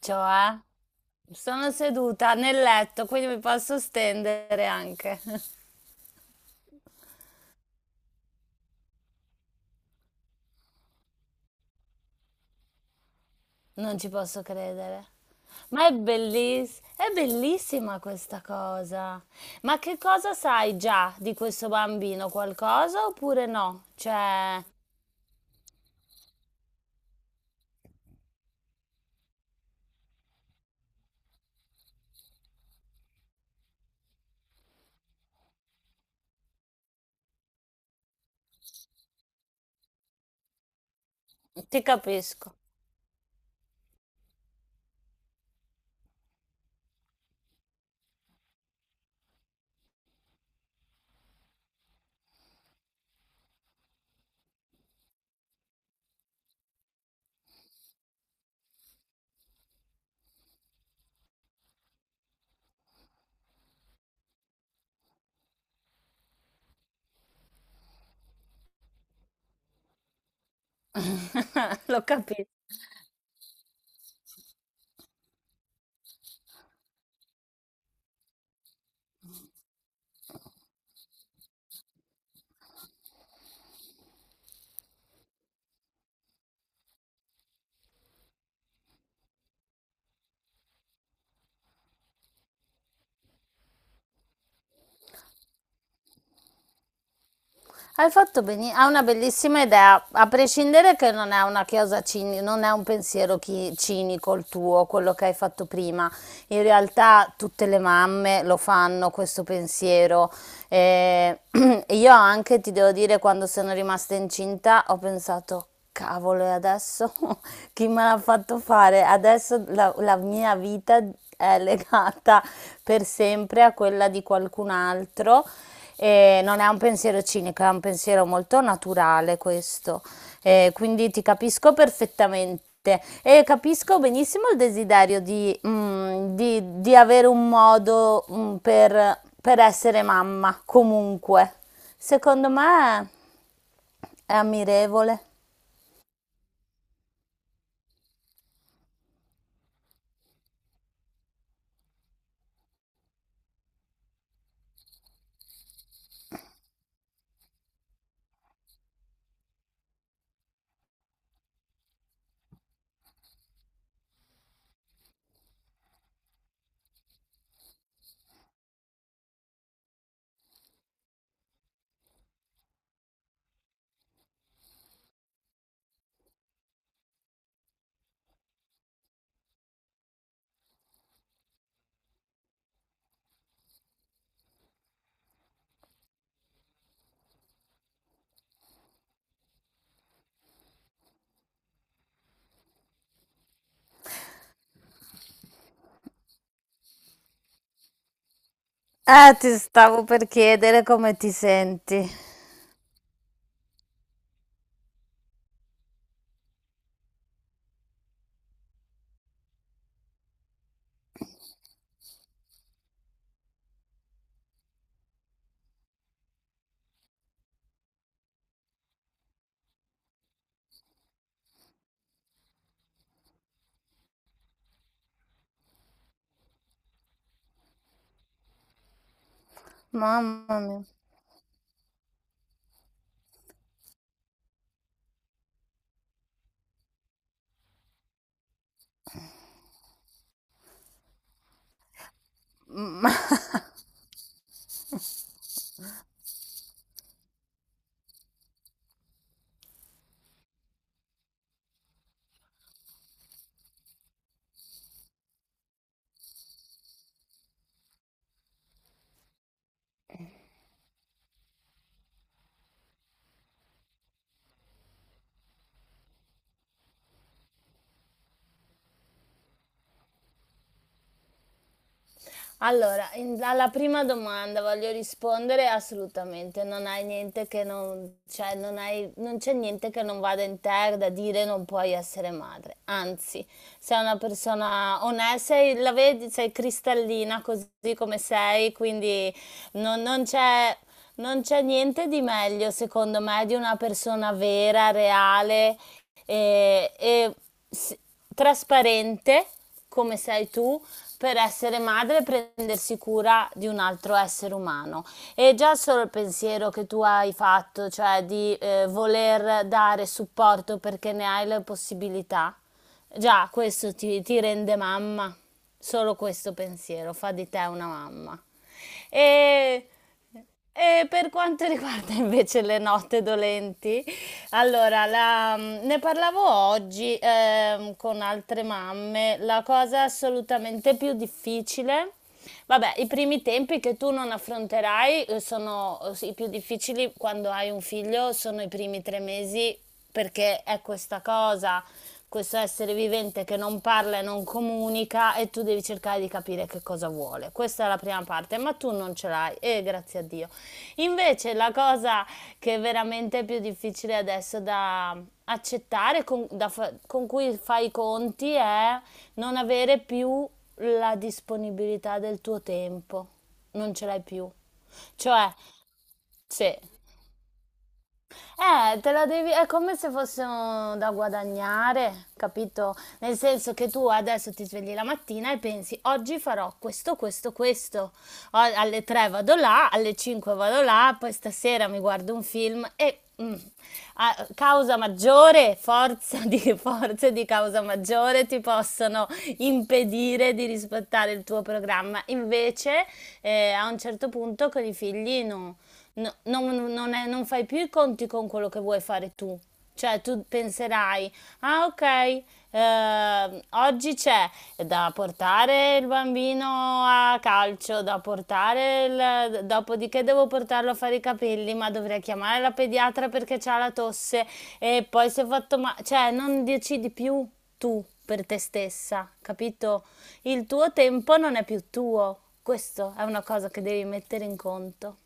Cioè, sono seduta nel letto, quindi mi posso stendere anche. Non ci posso credere. Ma è bellissima questa cosa. Ma che cosa sai già di questo bambino? Qualcosa oppure no? Cioè, ti capisco. Lo capisco. Hai fatto benissimo, ha una bellissima idea, a prescindere che non è una chiosa non è un pensiero cinico il tuo, quello che hai fatto prima. In realtà tutte le mamme lo fanno questo pensiero. Eh, io anche ti devo dire, quando sono rimasta incinta, ho pensato, cavolo, e adesso chi me l'ha fatto fare? Adesso la mia vita è legata per sempre a quella di qualcun altro. E non è un pensiero cinico, è un pensiero molto naturale questo. E quindi ti capisco perfettamente e capisco benissimo il desiderio di avere un modo, per, essere mamma, comunque. Secondo me è ammirevole. Ti stavo per chiedere come ti senti. Mamma mia. Mm. Allora, alla prima domanda voglio rispondere assolutamente, non hai niente che non, cioè, non c'è niente che non vada in te da dire non puoi essere madre. Anzi, sei una persona onesta, sei, la vedi, sei cristallina così come sei, quindi non, non c'è non c'è niente di meglio, secondo me, di una persona vera, reale e s- trasparente come sei tu per essere madre e prendersi cura di un altro essere umano. E già solo il pensiero che tu hai fatto, cioè di voler dare supporto perché ne hai le possibilità, già questo ti rende mamma. Solo questo pensiero fa di te una mamma. E e per quanto riguarda invece le note dolenti, allora ne parlavo oggi, con altre mamme, la cosa assolutamente più difficile, vabbè, i primi tempi che tu non affronterai, sono, s i più difficili quando hai un figlio sono i primi 3 mesi perché è questa cosa, questo essere vivente che non parla e non comunica e tu devi cercare di capire che cosa vuole. Questa è la prima parte, ma tu non ce l'hai e grazie a Dio. Invece la cosa che è veramente più difficile adesso da accettare, con cui fai i conti, è non avere più la disponibilità del tuo tempo. Non ce l'hai più. Cioè, se te la devi, è come se fosse da guadagnare, capito? Nel senso che tu adesso ti svegli la mattina e pensi, oggi farò questo, questo, questo. Alle 3 vado là, alle 5 vado là, poi stasera mi guardo un film e, causa maggiore, forza di, forze di causa maggiore ti possono impedire di rispettare il tuo programma. Invece, a un certo punto con i figli no, non fai più i conti con quello che vuoi fare tu. Cioè, tu penserai, ah, ok, oggi c'è da portare il bambino a calcio, da portare dopodiché devo portarlo a fare i capelli, ma dovrei chiamare la pediatra perché c'ha la tosse e poi si è fatto male. Cioè, non decidi più tu per te stessa, capito? Il tuo tempo non è più tuo. Questo è una cosa che devi mettere in conto.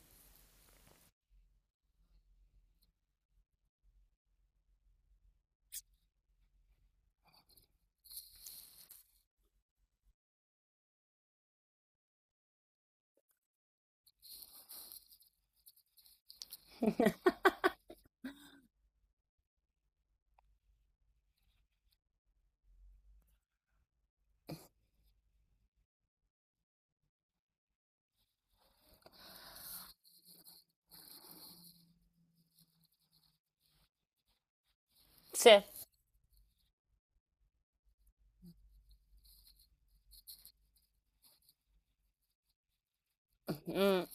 Sì. Mm.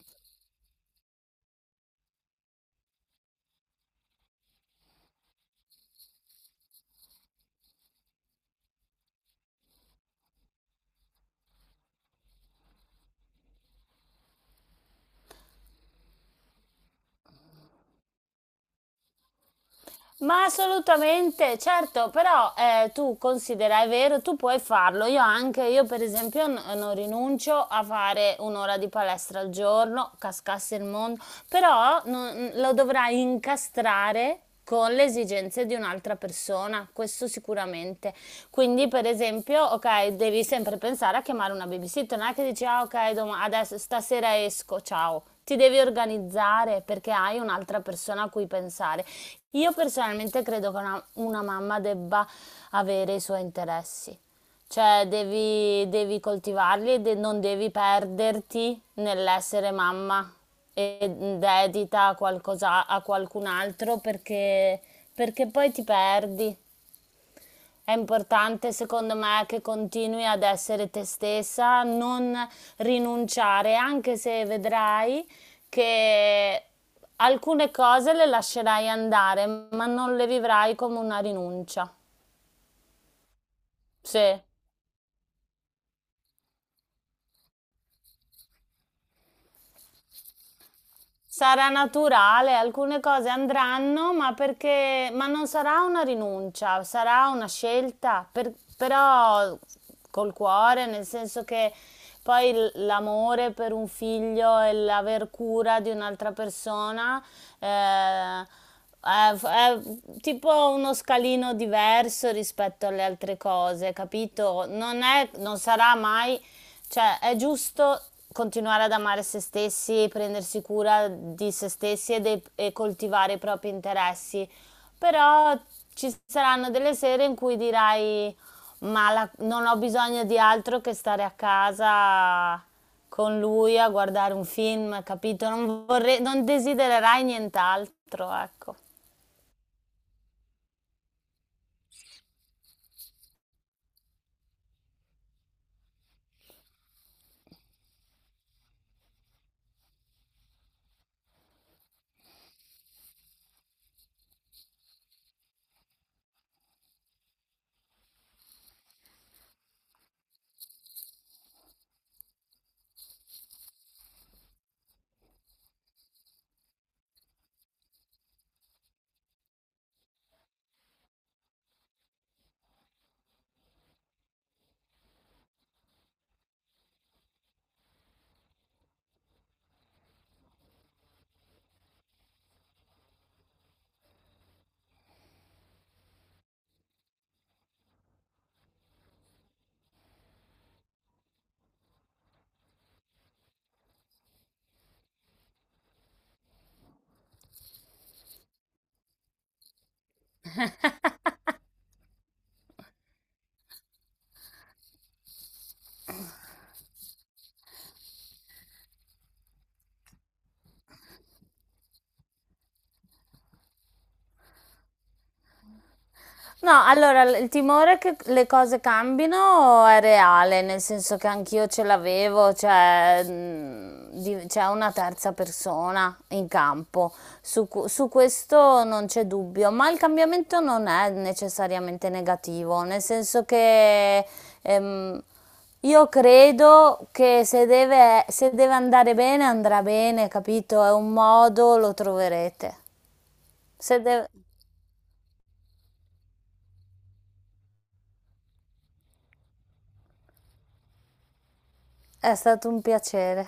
Ma assolutamente, certo, però tu considera, è vero, tu puoi farlo, io anche, io per esempio non rinuncio a fare un'ora di palestra al giorno, cascasse il mondo, però lo dovrai incastrare con le esigenze di un'altra persona, questo sicuramente. Quindi, per esempio, ok, devi sempre pensare a chiamare una babysitter, non è che dici, ah, ok, adesso stasera esco, ciao. Ti devi organizzare perché hai un'altra persona a cui pensare. Io personalmente credo che una mamma debba avere i suoi interessi, cioè devi, devi coltivarli e non devi perderti nell'essere mamma e dedita a qualcosa, a qualcun altro perché, perché poi ti perdi. È importante secondo me che continui ad essere te stessa, non rinunciare, anche se vedrai che alcune cose le lascerai andare, ma non le vivrai come una rinuncia. Sì. Sarà naturale, alcune cose andranno, ma perché, ma non sarà una rinuncia, sarà una scelta, però col cuore, nel senso che poi l'amore per un figlio e l'aver cura di un'altra persona, eh, è tipo uno scalino diverso rispetto alle altre cose, capito? Non è, non sarà mai, cioè è giusto continuare ad amare se stessi, prendersi cura di se stessi e, e coltivare i propri interessi, però ci saranno delle sere in cui dirai, ma non ho bisogno di altro che stare a casa con lui a guardare un film, capito? Non vorrei, non desidererai nient'altro, ecco. No, allora il timore che le cose cambino è reale, nel senso che anch'io ce l'avevo, cioè c'è una terza persona in campo, su questo non c'è dubbio, ma il cambiamento non è necessariamente negativo, nel senso che ehm, io credo che se deve, se deve andare bene andrà bene, capito? È un modo, lo troverete. Se deve- È stato un piacere.